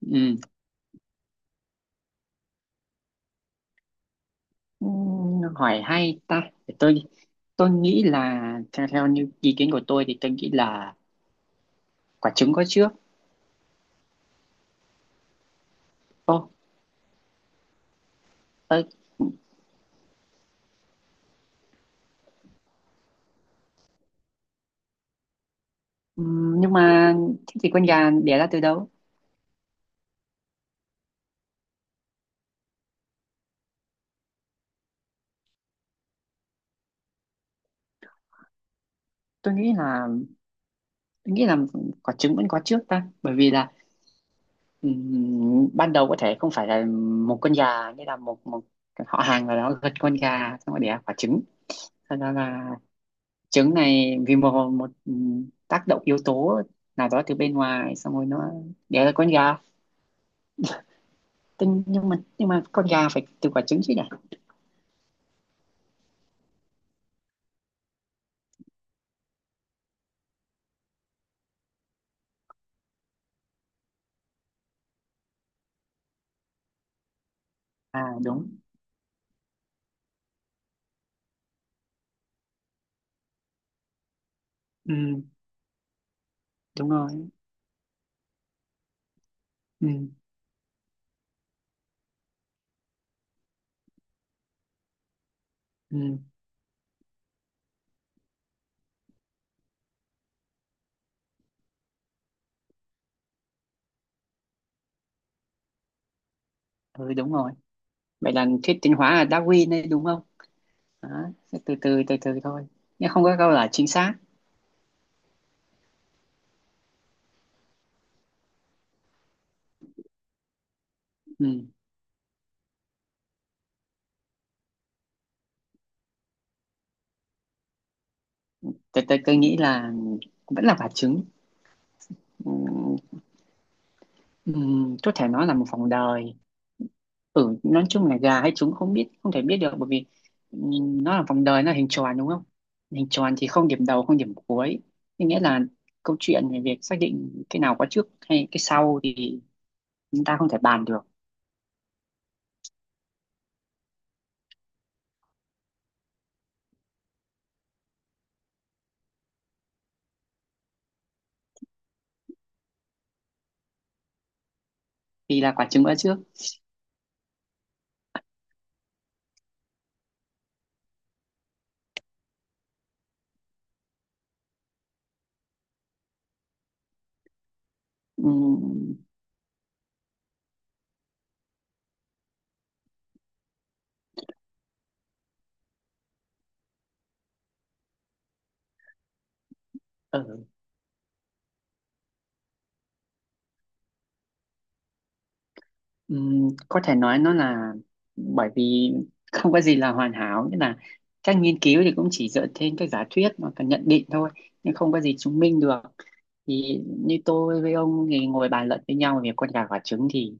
Ừ, ừ, hỏi hay ta. Để tôi nghĩ là theo theo như ý kiến của tôi thì tôi nghĩ là quả trứng có trước. ô tôi, nhưng mà thế thì con gà đẻ ra từ đâu? tôi nghĩ là tôi nghĩ là quả trứng vẫn có trước ta, bởi vì là ban đầu có thể không phải là một con gà, nghĩa là một một họ hàng nào đó gật con gà xong rồi đẻ quả trứng. Sau đó là trứng này vì một một tác động yếu tố nào đó từ bên ngoài, xong rồi nó đẻ ra con gà tinh. Nhưng mà con gà phải từ quả trứng chứ nhỉ? À đúng. Ừ, đúng rồi ừ, ừ, Ừ, đúng rồi. Vậy là thuyết tiến hóa là Darwin đấy đúng không? Đó, sẽ từ từ từ từ thôi, nhưng không có câu là chính xác. ừ. Tôi nghĩ là vẫn là quả trứng. ừ, ừ, có thể nói là một vòng đời. Ừ, nói chung là gà hay trứng không biết, không thể biết được, bởi vì nó là vòng đời, nó là hình tròn đúng không? Hình tròn thì không điểm đầu không điểm cuối, thế nghĩa là câu chuyện về việc xác định cái nào có trước hay cái sau thì chúng ta không thể bàn được. Vì là quả trứng có trước. Ừm, ừ, có thể nói nó là, bởi vì không có gì là hoàn hảo, nghĩa là các nghiên cứu thì cũng chỉ dựa trên các giả thuyết và cả nhận định thôi, nhưng không có gì chứng minh được. Thì như tôi với ông thì ngồi bàn luận với nhau về con gà quả trứng thì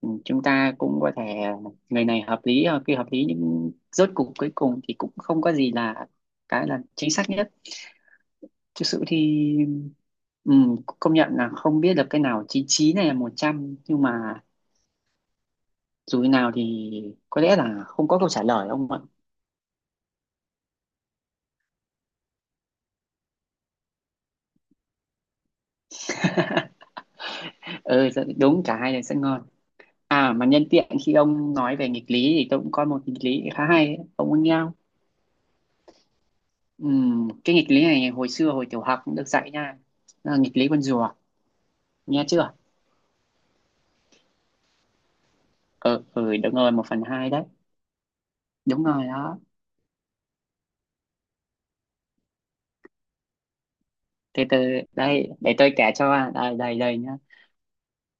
ừ, chúng ta cũng có thể người này hợp lý người kia hợp lý, nhưng rốt cuộc cuối cùng thì cũng không có gì là cái là chính xác nhất. Thực sự thì ừ, công nhận là không biết được cái nào 99 này là một trăm, nhưng mà dù thế nào thì có lẽ là không có câu trả lời ông ạ. Ừ dạ, đúng, cả hai đều sẽ ngon. À mà nhân tiện khi ông nói về nghịch lý thì tôi cũng có một nghịch lý khá hay ấy. Ông muốn nghe? Ừ, cái nghịch lý này hồi xưa hồi tiểu học cũng được dạy nha. Nó là nghịch lý con rùa. Nghe chưa? Ừ, ừ đúng rồi, một phần hai đấy. Đúng rồi đó. Từ từ, đây để tôi kể cho, đây đây đây nhá.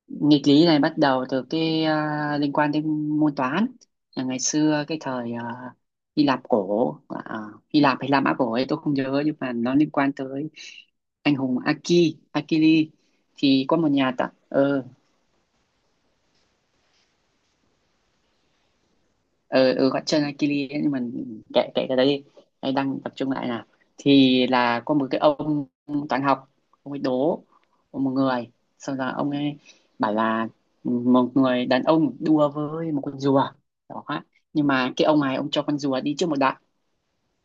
Nghịch lý này bắt đầu từ cái liên quan đến môn toán, là ngày xưa cái thời à, Hy Lạp cổ, Hy Lạp hay La Mã cổ ấy tôi không nhớ, nhưng mà nó liên quan tới anh hùng Akili. Thì có một nhà tạo, ừ, ừ vẫn chơi Akili ấy, nhưng mà kệ kệ cái đấy đi. Đây, đang tập trung lại nào. Thì là có một cái ông toán học, ông ấy đố một người. Sau đó ông ấy bảo là một người đàn ông đua với một con rùa. Đó, nhưng mà cái ông này ông cho con rùa đi trước một đoạn.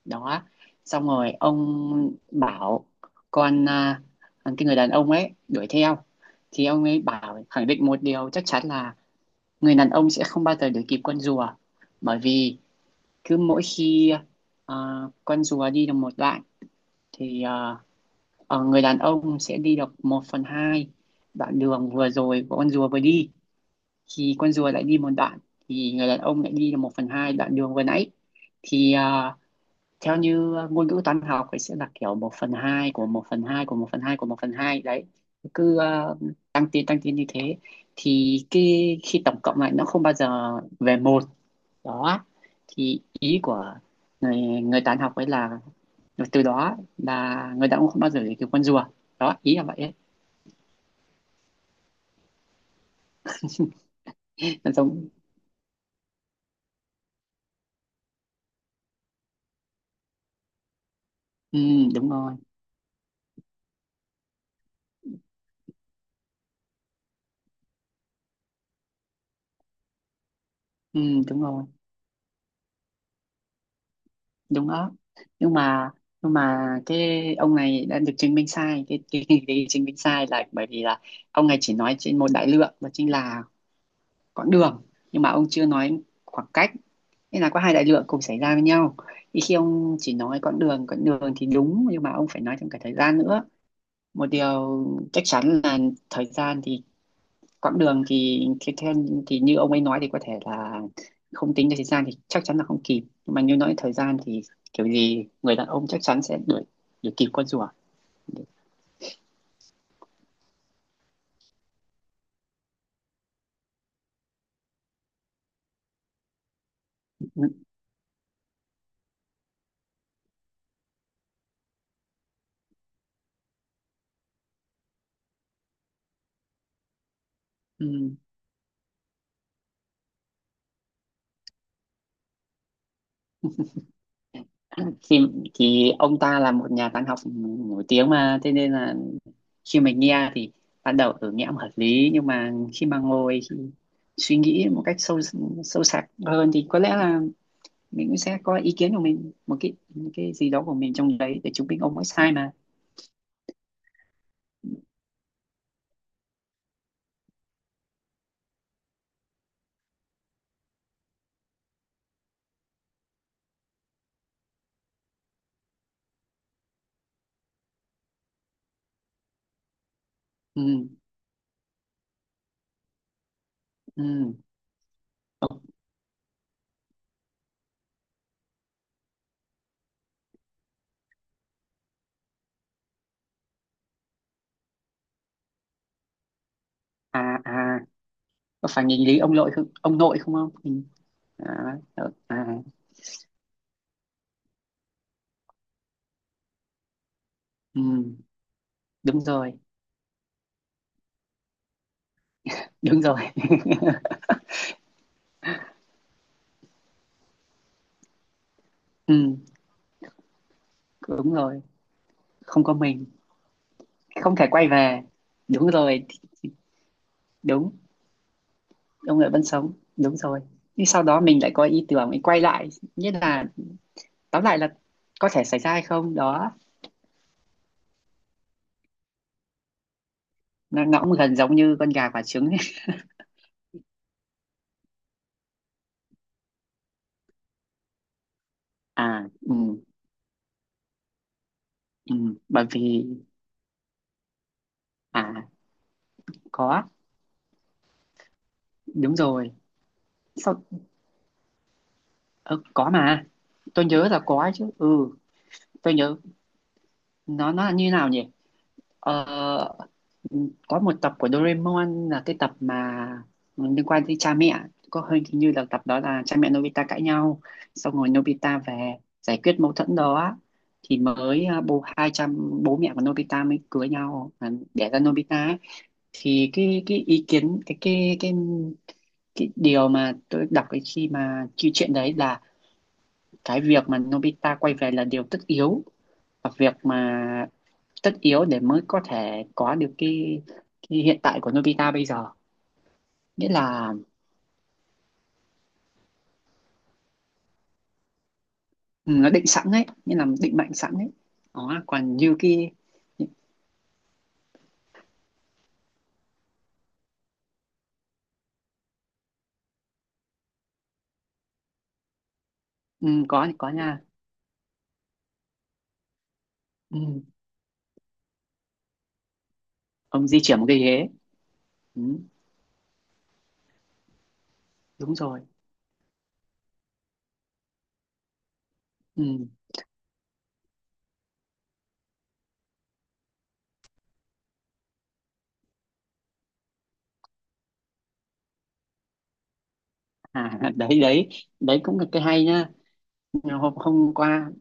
Đó, xong rồi ông bảo con à, cái người đàn ông ấy đuổi theo, thì ông ấy bảo khẳng định một điều chắc chắn là người đàn ông sẽ không bao giờ đuổi kịp con rùa, bởi vì cứ mỗi khi à, con rùa đi được một đoạn thì người đàn ông sẽ đi được một phần hai đoạn đường vừa rồi của con rùa vừa đi. Thì con rùa lại đi một đoạn, thì người đàn ông lại đi được một phần hai đoạn đường vừa nãy. Thì theo như ngôn ngữ toán học ấy sẽ là kiểu một phần hai của một phần hai của một phần hai của một phần hai đấy, cứ tăng tiến như thế, thì cái khi tổng cộng lại nó không bao giờ về một. Đó, thì ý của người người toán học ấy là từ đó là người ta cũng không bao giờ để cái con rùa. Đó ý là vậy ấy. Nó giống, ừ, đúng rồi. Ừ, đúng rồi, đúng đó. Nhưng mà cái ông này đã được chứng minh sai. Cái chứng minh sai là bởi vì là ông này chỉ nói trên một đại lượng và chính là quãng đường, nhưng mà ông chưa nói khoảng cách. Nên là có hai đại lượng cùng xảy ra với nhau, thì khi ông chỉ nói quãng đường thì đúng, nhưng mà ông phải nói trong cả thời gian nữa. Một điều chắc chắn là thời gian thì quãng đường thì theo thì như ông ấy nói thì có thể là không tính đến thời gian thì chắc chắn là không kịp, nhưng mà như nói thời gian thì kiểu gì người đàn ông chắc chắn sẽ đuổi đuổi kịp con rùa. Ừ. Thì ông ta là một nhà toán học nổi tiếng mà, thế nên là khi mình nghe thì ban đầu tưởng nghe cũng hợp lý, nhưng mà khi mà ngồi khi suy nghĩ một cách sâu sâu sắc hơn thì có lẽ là mình cũng sẽ có ý kiến của mình, một cái gì đó của mình trong đấy để chứng minh ông ấy sai mà. Ừ. Ừ. Ông- à à có phải nghịch lý ông nội không? Ông nội không không ừ. à, ờ, à ừ. Đúng rồi đúng rồi. Ừ. Đúng rồi, không có mình, không thể quay về. Đúng rồi. Đúng, ông nội vẫn sống đúng rồi, nhưng sau đó mình lại có ý tưởng mình quay lại, nghĩa là tóm lại là có thể xảy ra hay không đó. Nó cũng gần giống như con gà quả trứng ấy. à ừ, ừ, Bởi vì à có. Đúng rồi. Sau, ờ, có mà. Tôi nhớ là có ấy chứ, ừ. Tôi nhớ nó là như nào nhỉ? Ờ, có một tập của Doraemon là cái tập mà liên quan tới cha mẹ, có hơi như là tập đó là cha mẹ Nobita cãi nhau, xong rồi Nobita về giải quyết mâu thuẫn đó, thì mới à, bố hai cha bố mẹ của Nobita mới cưới nhau, đẻ ra Nobita ấy. Thì cái ý kiến cái điều mà tôi đọc khi mà chi chuyện đấy là cái việc mà Nobita quay về là điều tất yếu, và việc mà tất yếu để mới có thể có được cái hiện tại của Nobita bây giờ, nghĩa là ừ, nó định sẵn đấy, nghĩa là định mệnh sẵn đấy. Đó còn như cái, ừ, có thì có nha. Ừ, ông di chuyển một cái ghế. Ừ, đúng rồi. Ừ. À đấy đấy, đấy cũng là cái hay nha. Hôm Hôm qua,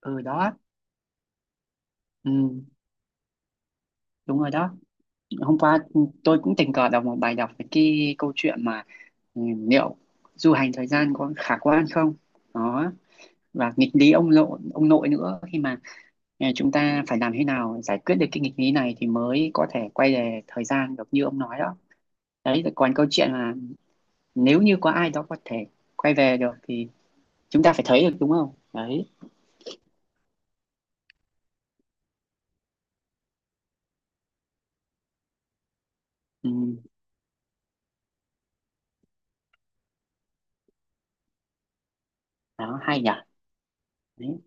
ừ đó, ừ, đúng rồi đó. Hôm qua tôi cũng tình cờ đọc một bài đọc về cái câu chuyện mà ừ, liệu du hành thời gian có khả quan không. Đó, và nghịch lý ông nội nữa, khi mà ờ, chúng ta phải làm thế nào giải quyết được cái nghịch lý này thì mới có thể quay về thời gian được như ông nói đó. Đấy còn câu chuyện là nếu như có ai đó có thể quay về được thì chúng ta phải thấy được đúng không đấy. Ừ, đó hay nhỉ. Đấy,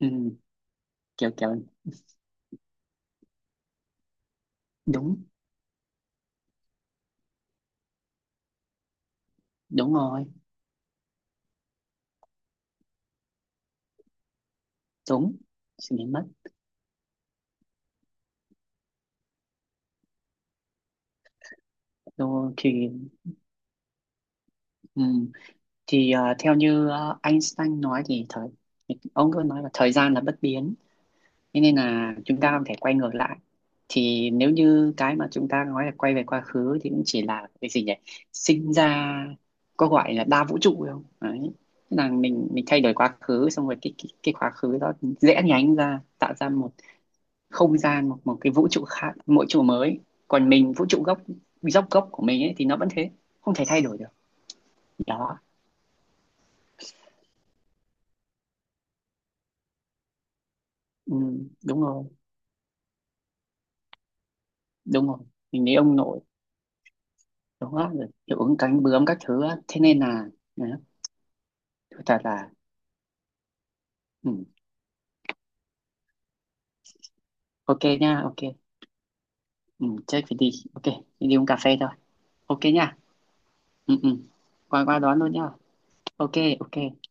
ừ, kiểu kiểu. Đúng, đúng rồi. Đúng, suy nghĩ mất. Đôi khi, ừ. Thì theo như Einstein nói thì ông cứ nói là thời gian là bất biến, thế nên là chúng ta không thể quay ngược lại. Thì nếu như cái mà chúng ta nói là quay về quá khứ thì cũng chỉ là cái gì nhỉ, sinh ra, có gọi là đa vũ trụ không đấy. Tức là mình thay đổi quá khứ, xong rồi cái quá khứ đó rẽ nhánh ra, tạo ra một không gian, một một cái vũ trụ khác, mỗi trụ mới. Còn mình vũ trụ gốc, gốc của mình ấy thì nó vẫn thế, không thể thay đổi được. Đó, ừ, đúng rồi đúng rồi. Mình lấy ông nội, đó rồi hiệu ứng cánh bướm các thứ á. Thế nên là đấy, thú thật là ừ. Ok nha, ok. Ừ, chết phải đi, ok. Đi đi uống cà phê thôi. Ok nha. Ừ, ừ. Qua qua đón luôn nha. Ok. Ok.